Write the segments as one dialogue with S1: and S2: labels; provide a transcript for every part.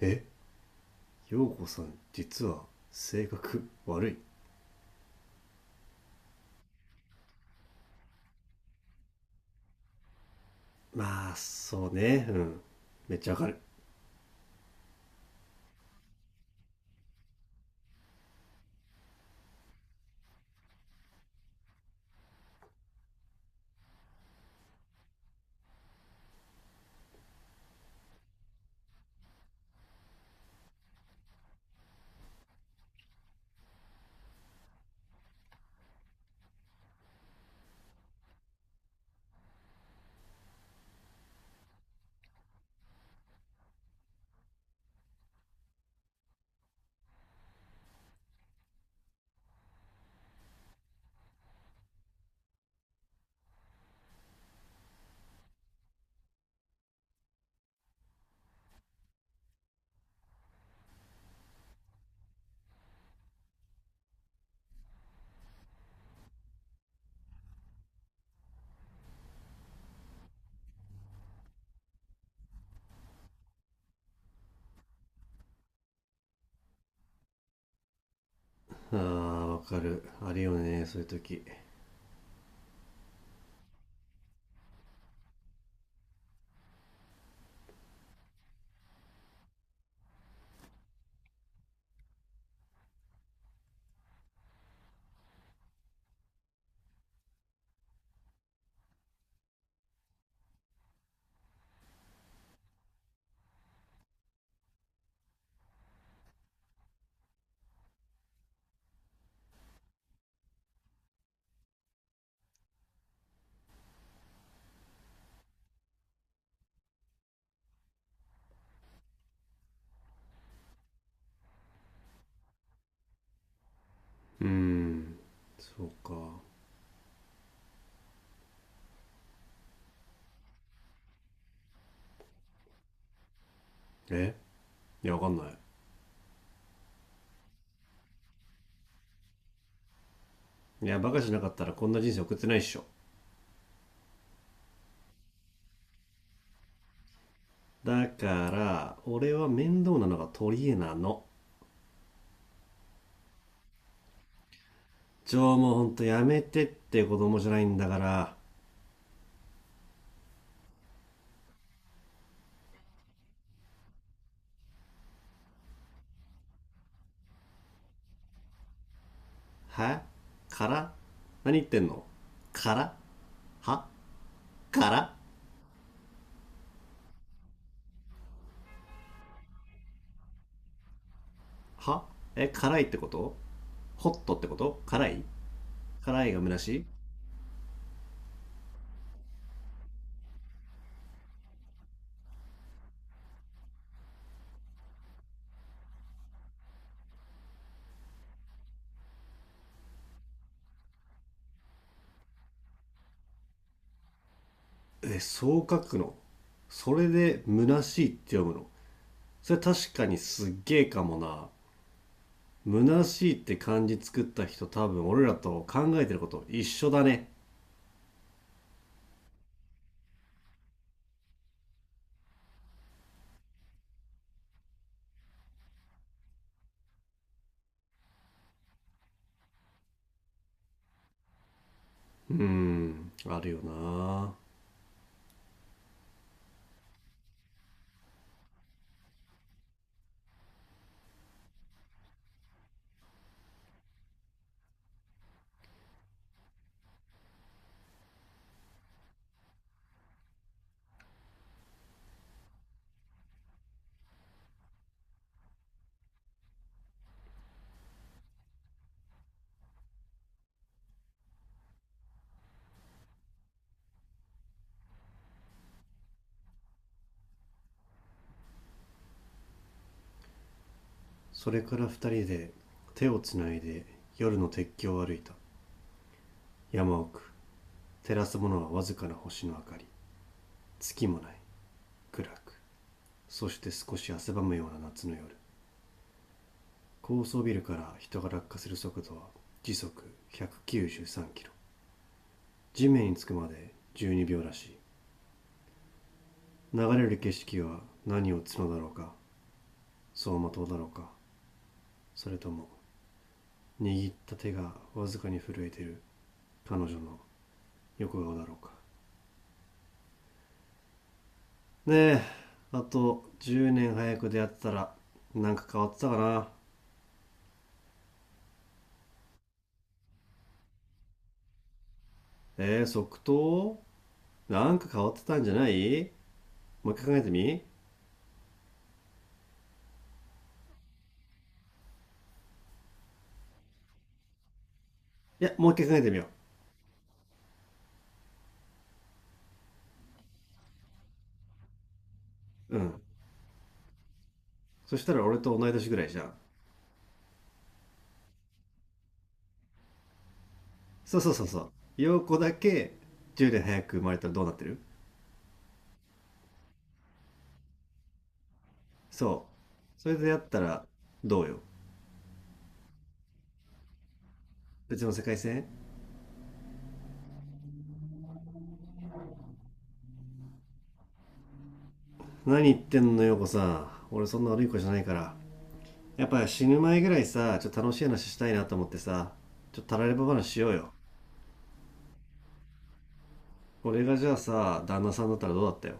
S1: え、陽子さん実は性格悪い？まあそうね。うん、めっちゃわかる。あーわかる、あるよねそういう時。うーん、そうか。え、いやわかんない。いやバカじゃなかったらこんな人生送ってないっしょ。だから俺は面倒なのが取り柄なの。じゃあもうほんとやめてって、子供じゃないんだから。は？から？何言ってんの？から？は？から？は？え、辛いってこと？ホットってこと？辛い？辛いが虚しい？え、そう書くの？それで虚しいって読むの？それ確かにすっげえかもな。虚しいって漢字作った人、多分俺らと考えてること一緒だね。うーん、あるよな。それから二人で手をつないで夜の鉄橋を歩いた。山奥。照らすものはわずかな星の明かり。月もない。暗く。そして少し汗ばむような夏の夜。高層ビルから人が落下する速度は時速193キロ、地面につくまで12秒らしい。流れる景色は何を角だろうか、走馬灯だろうか、それとも握った手がわずかに震えてる彼女の横顔だろうか。ねえ、あと10年早く出会ってたらなんか変わってたかな？えー、即答？なんか変わってたんじゃない？もう一回考えてみい。もう一回考えてみよう。うん、そしたら俺と同い年ぐらいじゃん。そうそうそうそう、陽子だけ10年早く生まれたらどうなってる？そう、それでやったらどうよ？別の世界線。何言ってんの陽子さん、俺そんな悪い子じゃないから。やっぱ死ぬ前ぐらいさ、ちょっと楽しい話したいなと思ってさ、ちょっとたられば話しようよ。俺がじゃあさ、旦那さんだったらどうだったよ？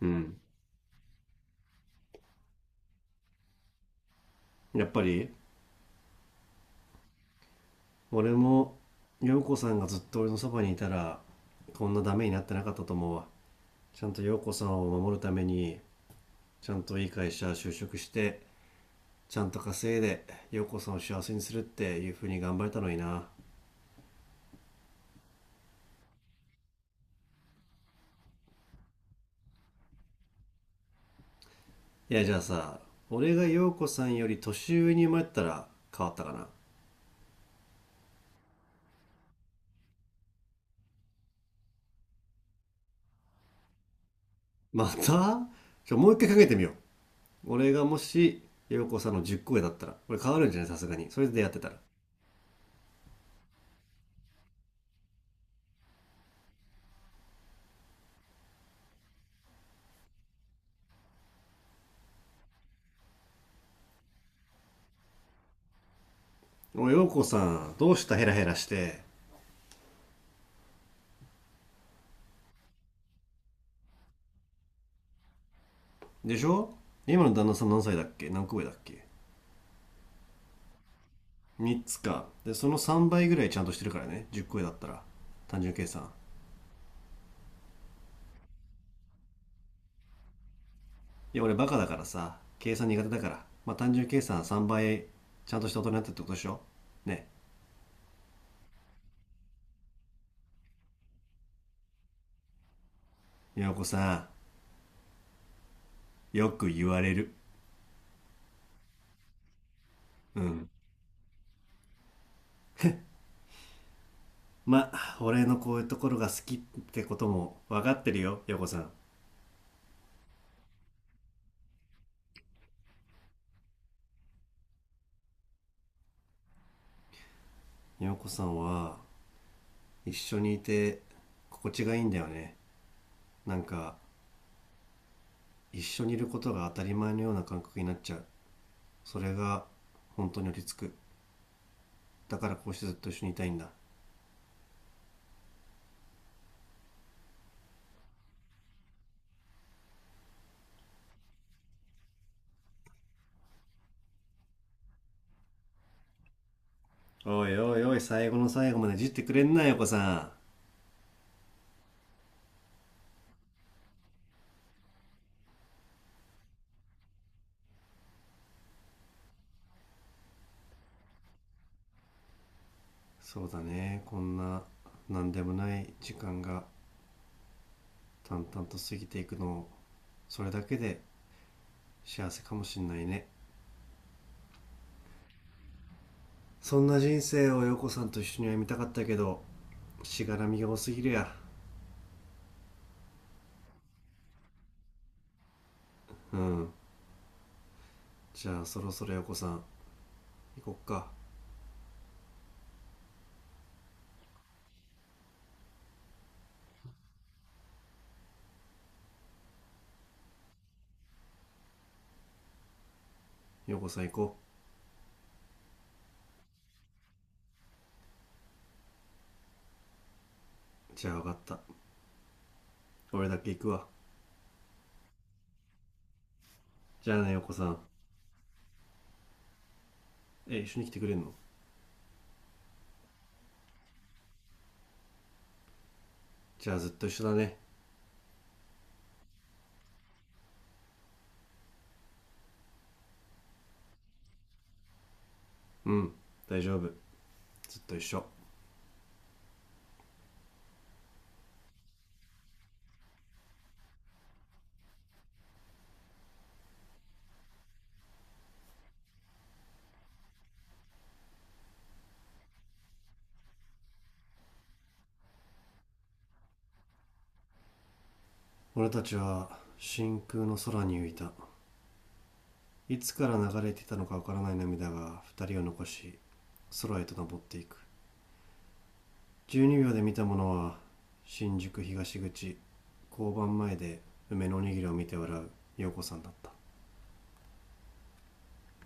S1: うん、やっぱり。俺も陽子さんがずっと俺のそばにいたらこんなダメになってなかったと思うわ。ちゃんと陽子さんを守るためにちゃんといい会社就職して、ちゃんと稼いで陽子さんを幸せにするっていう風に頑張れたのにな。いやじゃあさ、俺が陽子さんより年上に生まれたら変わったかな？また、もう一回かけてみよう。俺がもし陽子さんの10個上だったら俺変わるんじゃない？さすがにそれで出会ってたら。おい陽子さん、どうしたヘラヘラして。でしょ？今の旦那さん何歳だっけ、何個上だっけ？3つか、でその3倍ぐらいちゃんとしてるからね、10個上だったら。単純計算。いや俺バカだからさ、計算苦手だからまあ単純計算3倍、ちゃんとした大人になってってことでしょ？ね？え、陽子さんよく言われる？うん、まあ俺のこういうところが好きってことも分かってるよ、よ子さん。陽子さんは一緒にいて心地がいいんだよね。なんか一緒にいることが当たり前のような感覚になっちゃう。それが本当に落ち着く。だからこうしてずっと一緒にいたいんだ。おいおいおい、最後の最後までいじってくれんなよ子さん。そうだね、こんな何でもない時間が淡々と過ぎていくのを、それだけで幸せかもしんないね。そんな人生を陽子さんと一緒には見たかったけど、しがらみが多すぎるや。うん、じゃあそろそろ陽子さん、行こっか。陽子さん行こう。じゃあ分かった、俺だけ行くわ。じゃあね陽子さん。え、一緒に来てくれんの？じゃあずっと一緒だね。うん、大丈夫、ずっと一緒。俺たちは真空の空に浮いた。いつから流れていたのかわからない涙が二人を残し空へと登っていく。十二秒で見たものは、新宿東口、交番前で梅のおにぎりを見て笑う陽子さんだった。